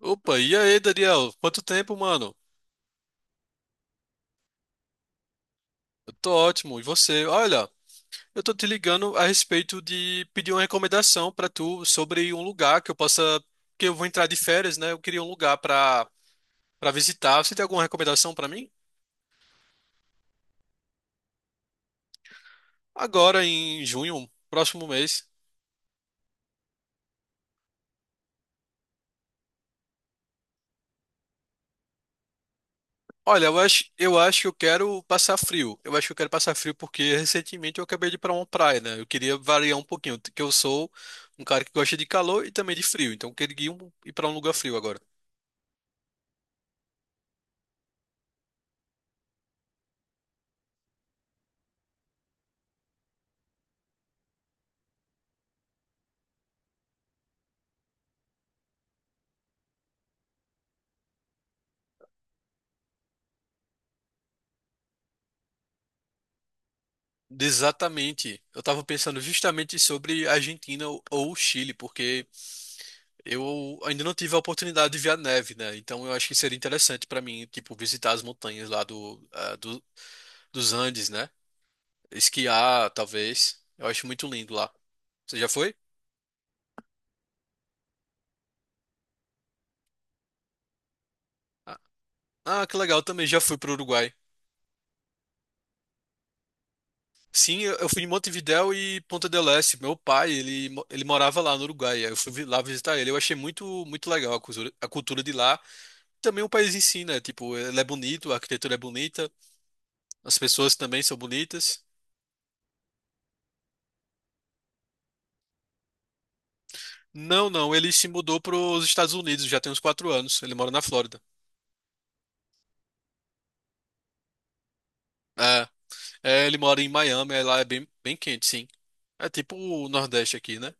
Opa, e aí, Daniel? Quanto tempo, mano? Eu tô ótimo. E você? Olha, eu tô te ligando a respeito de pedir uma recomendação pra tu sobre um lugar que eu possa, que eu vou entrar de férias, né? Eu queria um lugar pra para visitar. Você tem alguma recomendação pra mim? Agora em junho, próximo mês. Olha, eu acho que eu quero passar frio. Eu acho que eu quero passar frio porque recentemente eu acabei de ir pra uma praia, né? Eu queria variar um pouquinho, que eu sou um cara que gosta de calor e também de frio, então eu queria ir pra um lugar frio agora. Exatamente. Eu estava pensando justamente sobre Argentina ou Chile, porque eu ainda não tive a oportunidade de ver a neve, né? Então eu acho que seria interessante para mim, tipo, visitar as montanhas lá dos Andes, né? Esquiar, talvez. Eu acho muito lindo lá. Você já foi? Ah, ah, que legal, eu também já fui para o Uruguai. Sim, eu fui em Montevidéu e Ponta del Este. Meu pai, ele, ele morava lá no Uruguai. Aí eu fui lá visitar ele. Eu achei muito, muito legal a cultura de lá. Também o país ensina, tipo, ele é bonito, a arquitetura é bonita, as pessoas também são bonitas. Não, não, ele se mudou para os Estados Unidos, já tem uns quatro anos, ele mora na Flórida. É, é, ele mora em Miami, aí lá é bem, bem quente, sim. É tipo o Nordeste aqui, né?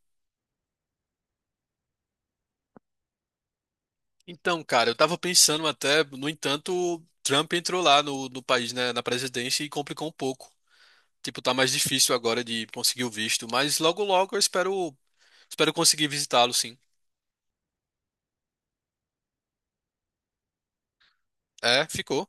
Então, cara, eu tava pensando até, no entanto, Trump entrou lá no país, né, na presidência e complicou um pouco. Tipo, tá mais difícil agora de conseguir o visto, mas logo logo eu espero, espero conseguir visitá-lo, sim. É, ficou.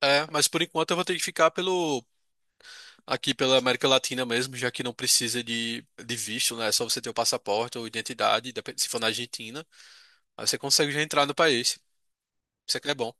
É, mas por enquanto eu vou ter que aqui pela América Latina mesmo, já que não precisa de visto, né? É só você ter o passaporte ou identidade, se for na Argentina, aí você consegue já entrar no país. Isso é que é bom.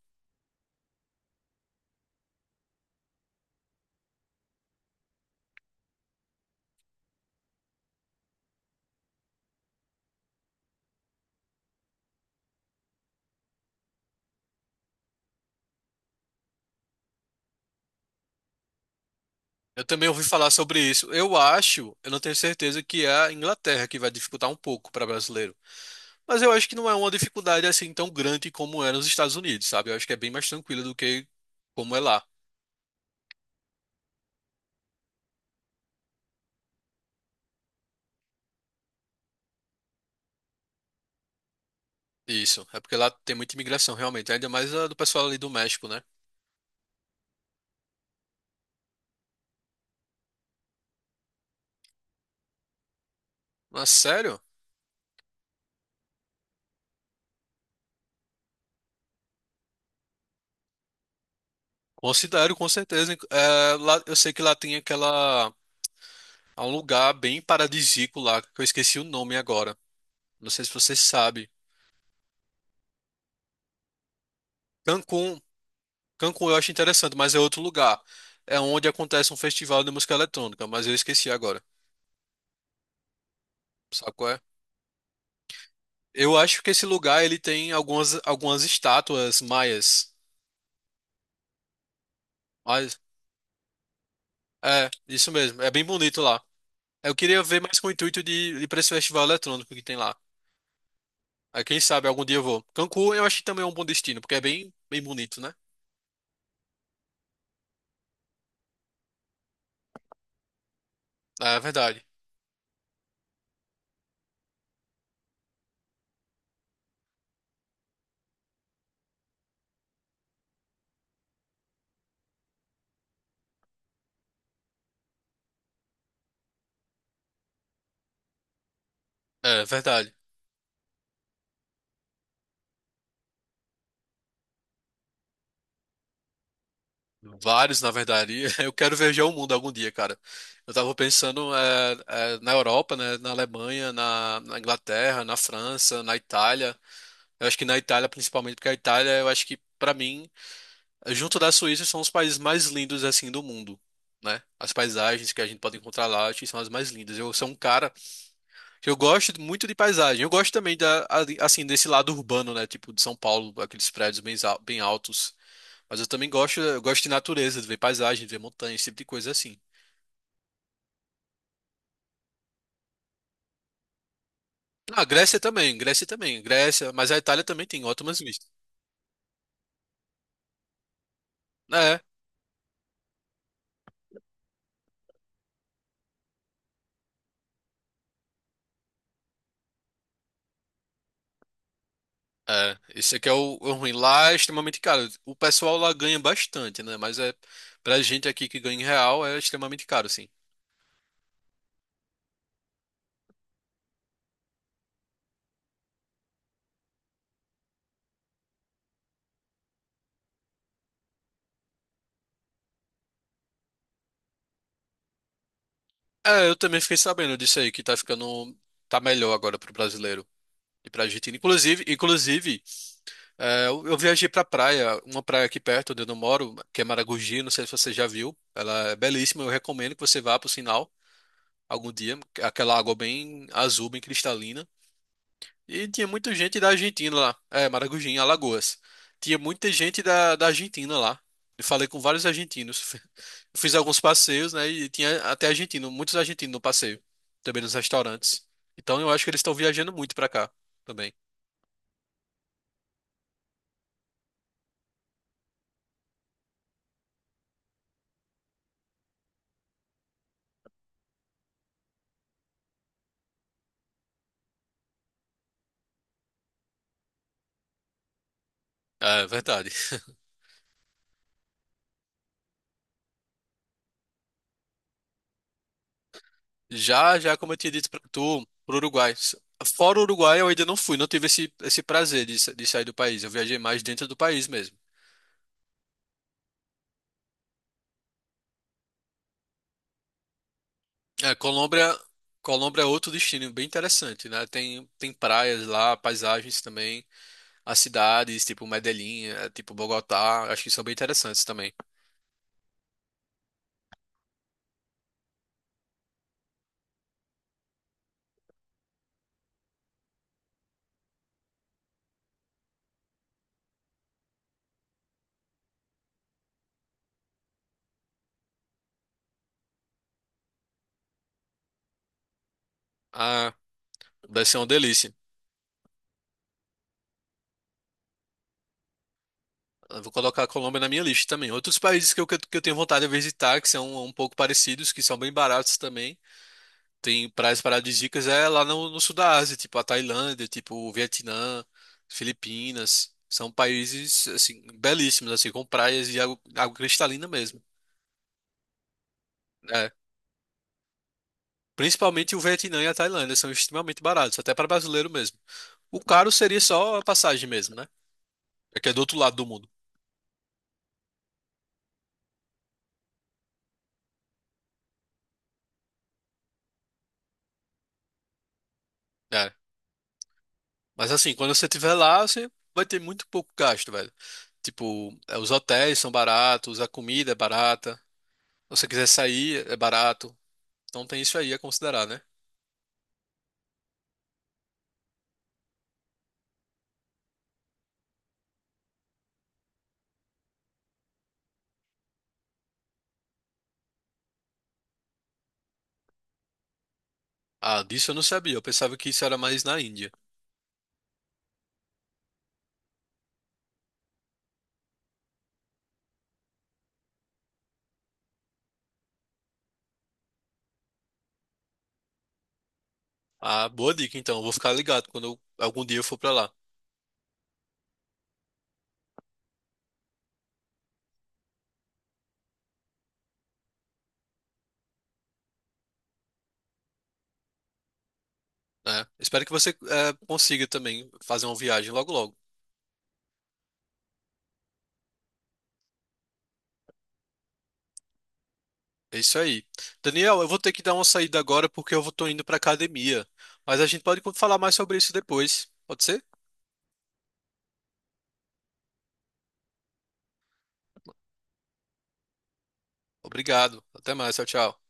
Eu também ouvi falar sobre isso. Eu acho, eu não tenho certeza que é a Inglaterra que vai dificultar um pouco para brasileiro. Mas eu acho que não é uma dificuldade assim tão grande como é nos Estados Unidos, sabe? Eu acho que é bem mais tranquilo do que como é lá. Isso. É porque lá tem muita imigração, realmente. Ainda mais a do pessoal ali do México, né? Mas sério? Considero, com certeza. É, lá, eu sei que lá tem aquela, há um lugar bem paradisíaco lá, que eu esqueci o nome agora. Não sei se você sabe. Cancún. Cancún eu acho interessante, mas é outro lugar. É onde acontece um festival de música eletrônica, mas eu esqueci agora. Sabe qual é? Eu acho que esse lugar ele tem algumas, algumas estátuas maias. Mas, é, isso mesmo. É bem bonito lá. Eu queria ver mais com o intuito de ir pra esse festival eletrônico que tem lá. Aí quem sabe algum dia eu vou. Cancún eu acho que também é um bom destino, porque é bem, bem bonito, né? Ah, é verdade. É é verdade. Vários, na verdade. Eu quero viajar o mundo algum dia, cara. Eu tava pensando na Europa, né? Na Alemanha, na Inglaterra, na França, na Itália. Eu acho que na Itália, principalmente, porque a Itália, eu acho que, pra mim, junto da Suíça, são os países mais lindos, assim, do mundo, né? As paisagens que a gente pode encontrar lá, acho que são as mais lindas. Eu sou um cara. Eu gosto muito de paisagem. Eu gosto também assim, desse lado urbano, né? Tipo de São Paulo, aqueles prédios bem altos. Mas eu também gosto, eu gosto de natureza, de ver paisagem, de ver montanhas, esse tipo de coisa assim. Ah, Grécia também, Grécia também, Grécia, mas a Itália também tem ótimas vistas. É, é. Esse aqui é o ruim. Lá é extremamente caro. O pessoal lá ganha bastante, né? Mas é pra gente aqui que ganha em real é extremamente caro, sim. É, eu também fiquei sabendo disso aí, que tá ficando, tá melhor agora pro brasileiro e pra Argentina. Inclusive, inclusive, é, eu viajei pra praia, uma praia aqui perto onde eu não moro, que é Maragogi, não sei se você já viu. Ela é belíssima, eu recomendo que você vá pro sinal algum dia, aquela água bem azul, bem cristalina. E tinha muita gente da Argentina lá, é, Maragogi, em Alagoas. Tinha muita gente da Argentina lá. Eu falei com vários argentinos. Fiz alguns passeios, né? E tinha até argentino, muitos argentinos no passeio, também nos restaurantes. Então eu acho que eles estão viajando muito pra cá também. É verdade. Já, já, como eu tinha dito pra tu, pro Uruguai. Fora o Uruguai, eu ainda não fui, não tive esse prazer de, de sair do país. Eu viajei mais dentro do país mesmo. É, Colômbia, Colômbia é outro destino bem interessante, né? Tem, tem praias lá, paisagens também, as cidades, tipo Medellín, é, tipo Bogotá, acho que são bem interessantes também. Ah, deve ser uma delícia. Eu vou colocar a Colômbia na minha lista também. Outros países que eu, que eu tenho vontade de visitar, que são um pouco parecidos, que são bem baratos também. Tem praias paradisíacas é lá no sul da Ásia, tipo a Tailândia, tipo o Vietnã, Filipinas. São países, assim, belíssimos, assim, com praias e água, água cristalina mesmo. É. Principalmente o Vietnã e a Tailândia são extremamente baratos, até para brasileiro mesmo. O caro seria só a passagem mesmo, né? É que é do outro lado do mundo. É. Mas assim, quando você estiver lá, você vai ter muito pouco gasto, velho. Tipo, é os hotéis são baratos, a comida é barata. Se você quiser sair, é barato. Então tem isso aí a considerar, né? Ah, disso eu não sabia. Eu pensava que isso era mais na Índia. Ah, boa dica, então. Eu vou ficar ligado quando algum dia eu for pra lá, né? Espero que você consiga também fazer uma viagem logo logo. É isso aí. Daniel, eu vou ter que dar uma saída agora porque eu tô indo pra academia. Mas a gente pode falar mais sobre isso depois. Pode ser? Obrigado. Até mais. Tchau, tchau.